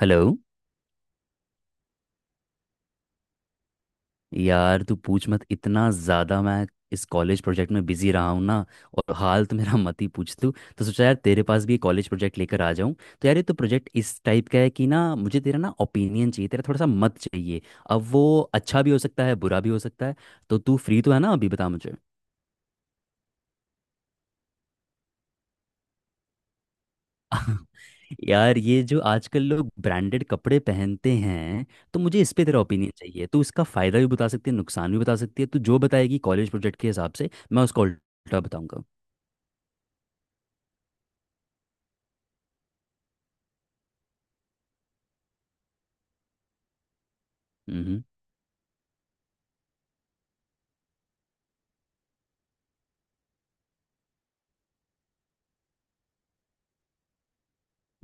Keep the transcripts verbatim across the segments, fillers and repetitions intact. Hello. यार तू पूछ मत, इतना ज़्यादा मैं इस कॉलेज प्रोजेक्ट में बिजी रहा हूँ ना। और हाल तो मेरा मत ही पूछ। तू तो सोचा यार तेरे पास भी कॉलेज प्रोजेक्ट लेकर आ जाऊँ। तो यार ये तो प्रोजेक्ट इस टाइप का है कि ना मुझे तेरा ना ओपिनियन चाहिए, तेरा थोड़ा सा मत चाहिए। अब वो अच्छा भी हो सकता है, बुरा भी हो सकता है। तो तू फ्री तो है ना? अभी बता मुझे। यार ये जो आजकल लोग ब्रांडेड कपड़े पहनते हैं तो मुझे इस पे तेरा ओपिनियन चाहिए। तू इसका फ़ायदा भी बता सकती है, नुकसान भी बता सकती है। तू जो बताएगी कॉलेज प्रोजेक्ट के हिसाब से मैं उसका उल्टा बताऊंगा। हम्म।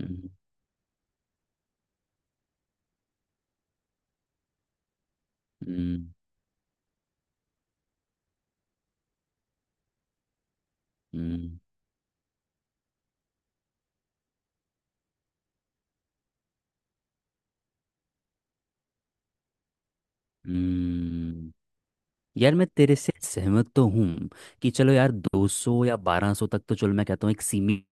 हम्म। हम्म। हम्म। हम्म। यार मैं तेरे से सहमत तो हूँ कि चलो यार दो सौ या बारह सौ तक तो चलो, मैं कहता हूँ एक सीमित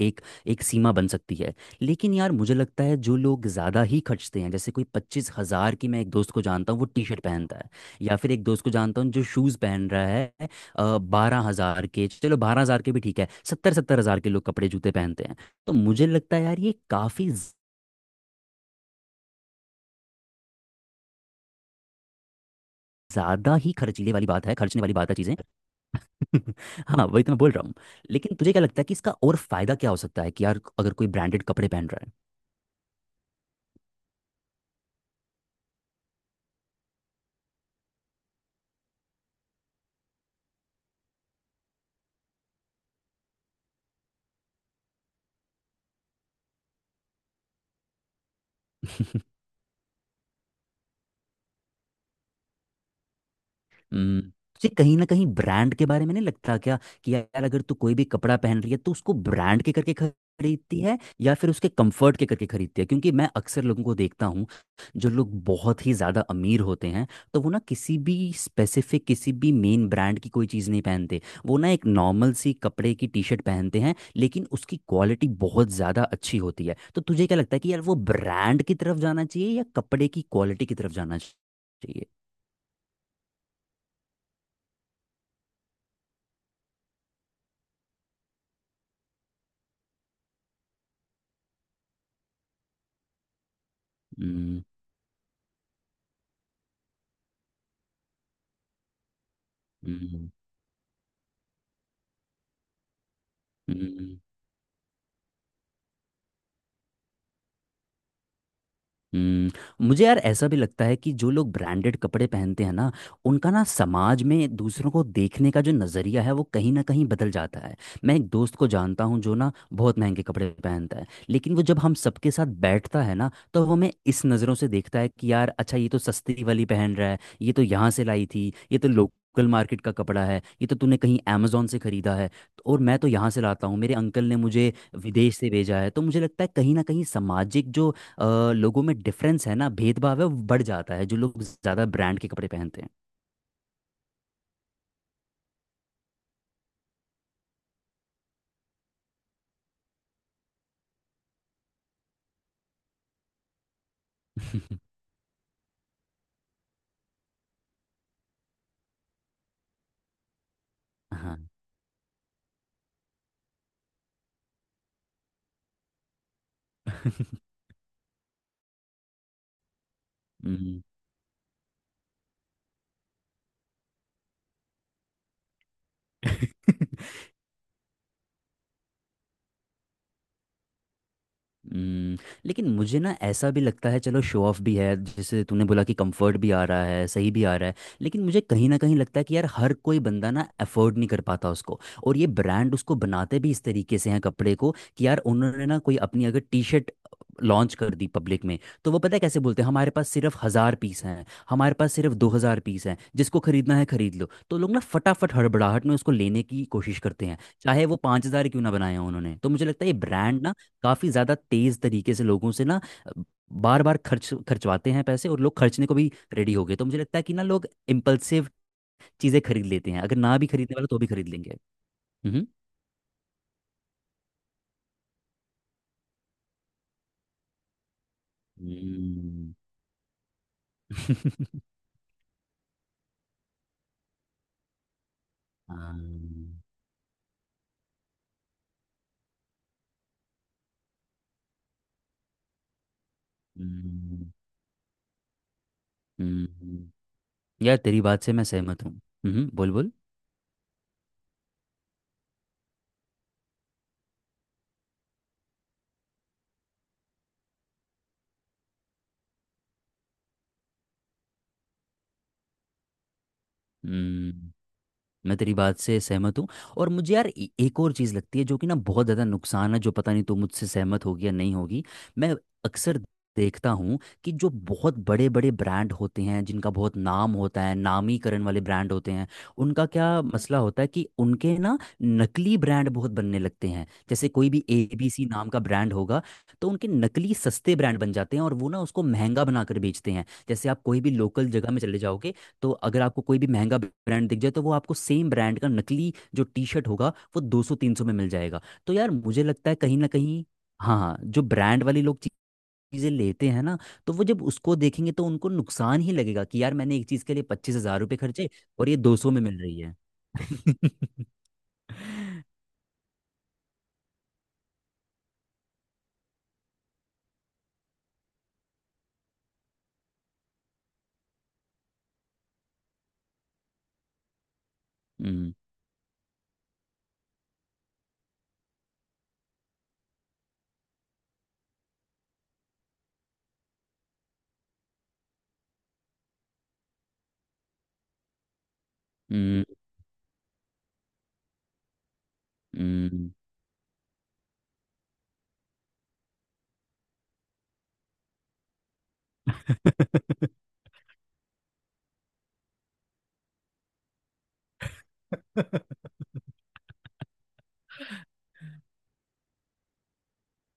एक एक सीमा बन सकती है। लेकिन यार मुझे लगता है जो लोग ज़्यादा ही खर्चते हैं, जैसे कोई पच्चीस हज़ार की, मैं एक दोस्त को जानता हूँ, वो टी शर्ट पहनता है। या फिर एक दोस्त को जानता हूँ जो शूज़ पहन रहा है बारह हज़ार के। चलो बारह हज़ार के भी ठीक है, सत्तर सत्तर हज़ार के लोग कपड़े जूते पहनते हैं। तो मुझे लगता है यार ये काफ़ी ज़्यादा ही खर्चीले वाली बात है, खर्चने वाली बात है चीज़ें। हाँ वही तो मैं बोल रहा हूँ। लेकिन तुझे क्या लगता है कि इसका और फायदा क्या हो सकता है, कि यार अगर कोई ब्रांडेड कपड़े पहन रहा है? हम्म। तुझे कहीं ना कहीं ब्रांड के बारे में नहीं लगता क्या कि यार अगर तू कोई भी कपड़ा पहन रही है तो उसको ब्रांड के करके खरीदती है या फिर उसके कंफर्ट के करके खरीदती है? क्योंकि मैं अक्सर लोगों को देखता हूँ, जो लोग बहुत ही ज़्यादा अमीर होते हैं तो वो ना किसी भी स्पेसिफिक, किसी भी मेन ब्रांड की कोई चीज़ नहीं पहनते। वो ना एक नॉर्मल सी कपड़े की टी शर्ट पहनते हैं लेकिन उसकी क्वालिटी बहुत ज़्यादा अच्छी होती है। तो तुझे क्या लगता है कि यार वो ब्रांड की तरफ जाना चाहिए या कपड़े की क्वालिटी की तरफ जाना चाहिए? हम्म। हम्म। हम्म। हम्म। हम्म। मुझे यार ऐसा भी लगता है कि जो लोग ब्रांडेड कपड़े पहनते हैं ना, उनका ना समाज में दूसरों को देखने का जो नज़रिया है वो कहीं ना कहीं बदल जाता है। मैं एक दोस्त को जानता हूँ जो ना बहुत महंगे कपड़े पहनता है, लेकिन वो जब हम सबके साथ बैठता है ना तो वो हमें इस नज़रों से देखता है कि यार अच्छा, ये तो सस्ती वाली पहन रहा है, ये तो यहाँ से लाई थी, ये तो लोकल मार्केट का कपड़ा है, ये तो तूने कहीं अमेजोन से खरीदा है, तो और मैं तो यहाँ से लाता हूँ, मेरे अंकल ने मुझे विदेश से भेजा है। तो मुझे लगता है कहीं ना कहीं सामाजिक जो अ, लोगों में डिफरेंस है ना, भेदभाव है, वो बढ़ जाता है जो लोग ज़्यादा ब्रांड के कपड़े पहनते हैं। हाँ। हम्म। हम्म। लेकिन मुझे ना ऐसा भी लगता है, चलो शो ऑफ भी है जैसे तूने बोला कि कंफर्ट भी आ रहा है, सही भी आ रहा है, लेकिन मुझे कहीं ना कहीं लगता है कि यार हर कोई बंदा ना अफोर्ड नहीं कर पाता उसको। और ये ब्रांड उसको बनाते भी इस तरीके से हैं कपड़े को, कि यार उन्होंने ना कोई अपनी अगर टी शर्ट लॉन्च कर दी पब्लिक में, तो वो पता है कैसे बोलते हैं, हमारे पास सिर्फ हज़ार पीस हैं, हमारे पास सिर्फ दो हज़ार पीस हैं, जिसको खरीदना है खरीद लो। तो लोग ना फटाफट हड़बड़ाहट में उसको लेने की कोशिश करते हैं, चाहे वो पाँच हज़ार क्यों ना बनाए हों उन्होंने। तो मुझे लगता है ये ब्रांड ना काफ़ी ज़्यादा तेज़ तरीके से लोगों से ना बार बार खर्च खर्चवाते हैं पैसे, और लोग खर्चने को भी रेडी हो गए। तो मुझे लगता है कि ना लोग इम्पल्सिव चीज़ें खरीद लेते हैं, अगर ना भी खरीदने वाला तो भी खरीद लेंगे। हम्म। हम्म। हाँ। हम्म। हम्म। यार तेरी बात से मैं सहमत हूँ। हम्म, बोल बोल। हम्म। मैं तेरी बात से सहमत हूँ। और मुझे यार ए- एक और चीज़ लगती है जो कि ना बहुत ज़्यादा नुकसान है, जो पता नहीं तू मुझसे सहमत होगी या नहीं होगी। मैं अक्सर देखता हूँ कि जो बहुत बड़े बड़े ब्रांड होते हैं, जिनका बहुत नाम होता है, नामीकरण वाले ब्रांड होते हैं, उनका क्या मसला होता है कि उनके ना नकली ब्रांड बहुत बनने लगते हैं। जैसे कोई भी एबीसी नाम का ब्रांड होगा तो उनके नकली सस्ते ब्रांड बन जाते हैं और वो ना उसको महंगा बनाकर बेचते हैं। जैसे आप कोई भी लोकल जगह में चले जाओगे, तो अगर आपको कोई भी महंगा ब्रांड दिख जाए, तो वो आपको सेम ब्रांड का नकली जो टी शर्ट होगा वो दो सौ तीन सौ में मिल जाएगा। तो यार मुझे लगता है कहीं ना कहीं, हाँ हाँ, जो ब्रांड वाले लोग ची- चीज़ें लेते हैं ना, तो वो जब उसको देखेंगे तो उनको नुकसान ही लगेगा कि यार मैंने एक चीज़ के लिए पच्चीस हजार रुपये खर्चे और ये दो सौ में मिल रही है। हम्म। हम्म। हम्म।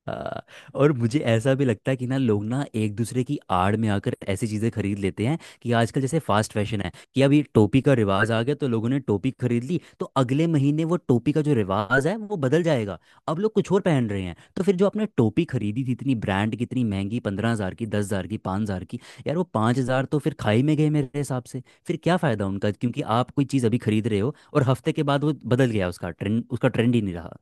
हाँ। और मुझे ऐसा भी लगता है कि ना लोग ना एक दूसरे की आड़ में आकर ऐसी चीज़ें खरीद लेते हैं, कि आजकल जैसे फास्ट फैशन है, कि अभी टोपी का रिवाज आ गया तो लोगों ने टोपी खरीद ली, तो अगले महीने वो टोपी का जो रिवाज है वो बदल जाएगा। अब लोग कुछ और पहन रहे हैं, तो फिर जो आपने टोपी खरीदी थी इतनी ब्रांड की, इतनी महंगी, पंद्रह हज़ार की, दस हज़ार की, पाँच हज़ार की, यार वो पाँच हज़ार तो फिर खाई में गए मेरे हिसाब से। फिर क्या फ़ायदा उनका क्योंकि आप कोई चीज़ अभी खरीद रहे हो और हफ्ते के बाद वो बदल गया, उसका ट्रेंड, उसका ट्रेंड ही नहीं रहा।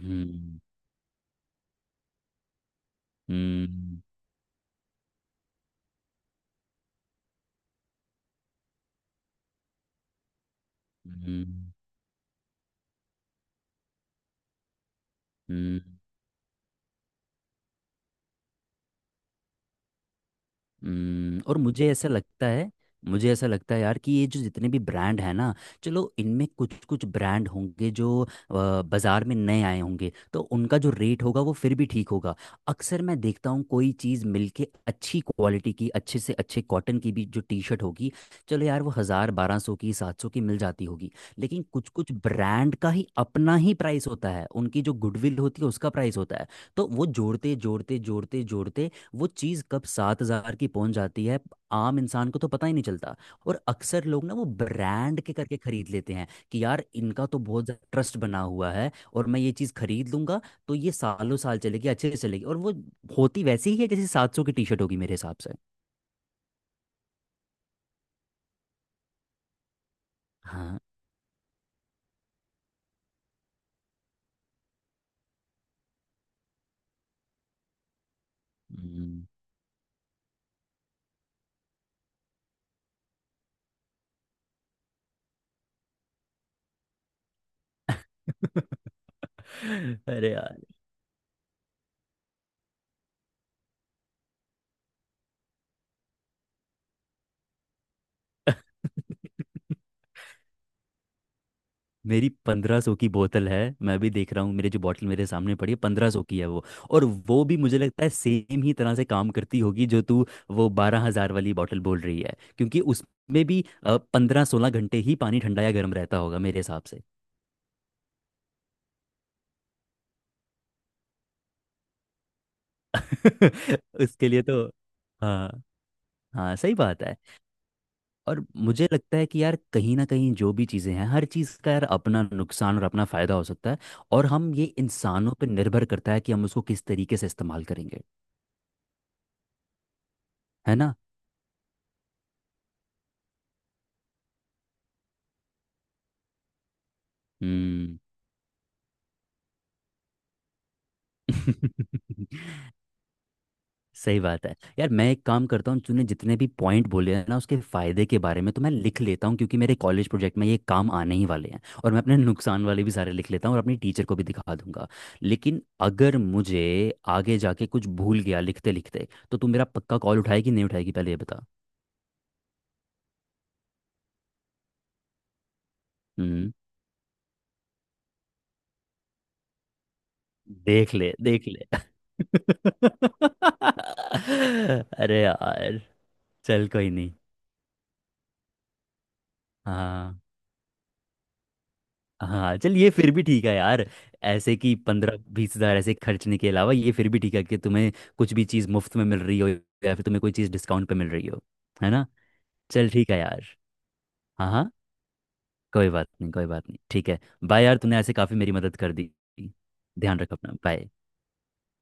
हम्म। हम्म। हम्म। हम्म। हम्म। और मुझे ऐसा लगता है, मुझे ऐसा लगता है यार कि ये जो जितने भी ब्रांड हैं ना, चलो इनमें कुछ कुछ ब्रांड होंगे जो अ, बाजार में नए आए होंगे तो उनका जो रेट होगा वो फिर भी ठीक होगा। अक्सर मैं देखता हूँ कोई चीज़ मिलके अच्छी क्वालिटी की, अच्छे से अच्छे कॉटन की भी जो टी शर्ट होगी, चलो यार वो हज़ार बारह सौ की, सात सौ की मिल जाती होगी। लेकिन कुछ कुछ ब्रांड का ही अपना ही प्राइस होता है, उनकी जो गुडविल होती है उसका प्राइस होता है। तो वो जोड़ते जोड़ते जोड़ते जोड़ते वो चीज़ कब सात हजार की पहुंच जाती है आम इंसान को तो पता ही नहीं चलता। और अक्सर लोग ना वो ब्रांड के करके खरीद लेते हैं कि यार इनका तो बहुत ज़्यादा ट्रस्ट बना हुआ है और मैं ये चीज़ खरीद लूंगा, तो ये सालों साल चलेगी, अच्छे से चलेगी। और वो होती वैसी ही है जैसे सात सौ की टी शर्ट होगी मेरे हिसाब से। हाँ। हम्म। अरे यार। मेरी पंद्रह सौ की बोतल है। मैं भी देख रहा हूँ, मेरे जो बॉटल मेरे सामने पड़ी है पंद्रह सौ की है वो। और वो भी मुझे लगता है सेम ही तरह से काम करती होगी जो तू वो बारह हजार वाली बॉटल बोल रही है, क्योंकि उसमें भी पंद्रह सोलह घंटे ही पानी ठंडा या गर्म रहता होगा मेरे हिसाब से। उसके लिए तो हाँ। हाँ सही बात है। और मुझे लगता है कि यार कहीं ना कहीं जो भी चीज़ें हैं, हर चीज़ का यार अपना नुकसान और अपना फ़ायदा हो सकता है। और हम ये, इंसानों पर निर्भर करता है कि हम उसको किस तरीके से इस्तेमाल करेंगे। है ना? हम्म। सही बात है यार। मैं एक काम करता हूँ, तूने जितने भी पॉइंट बोले हैं ना उसके फायदे के बारे में, तो मैं लिख लेता हूँ, क्योंकि मेरे कॉलेज प्रोजेक्ट में ये काम आने ही वाले हैं। और मैं अपने नुकसान वाले भी सारे लिख लेता हूँ और अपनी टीचर को भी दिखा दूंगा। लेकिन अगर मुझे आगे जाके कुछ भूल गया लिखते लिखते, तो तू मेरा पक्का कॉल उठाएगी नहीं उठाएगी, पहले ये बता। हम्म। देख ले देख ले। अरे यार। चल कोई नहीं। हाँ हाँ। चल ये फिर भी ठीक है यार, ऐसे कि पंद्रह बीस हजार ऐसे खर्चने के अलावा ये फिर भी ठीक है कि तुम्हें कुछ भी चीज़ मुफ्त में मिल रही हो या फिर तुम्हें कोई चीज़ डिस्काउंट पे मिल रही हो। है ना? चल ठीक है यार। हाँ हाँ। कोई बात नहीं, कोई बात नहीं, ठीक है। बाय यार, तूने ऐसे काफ़ी मेरी मदद कर दी। ध्यान रख अपना, बाय।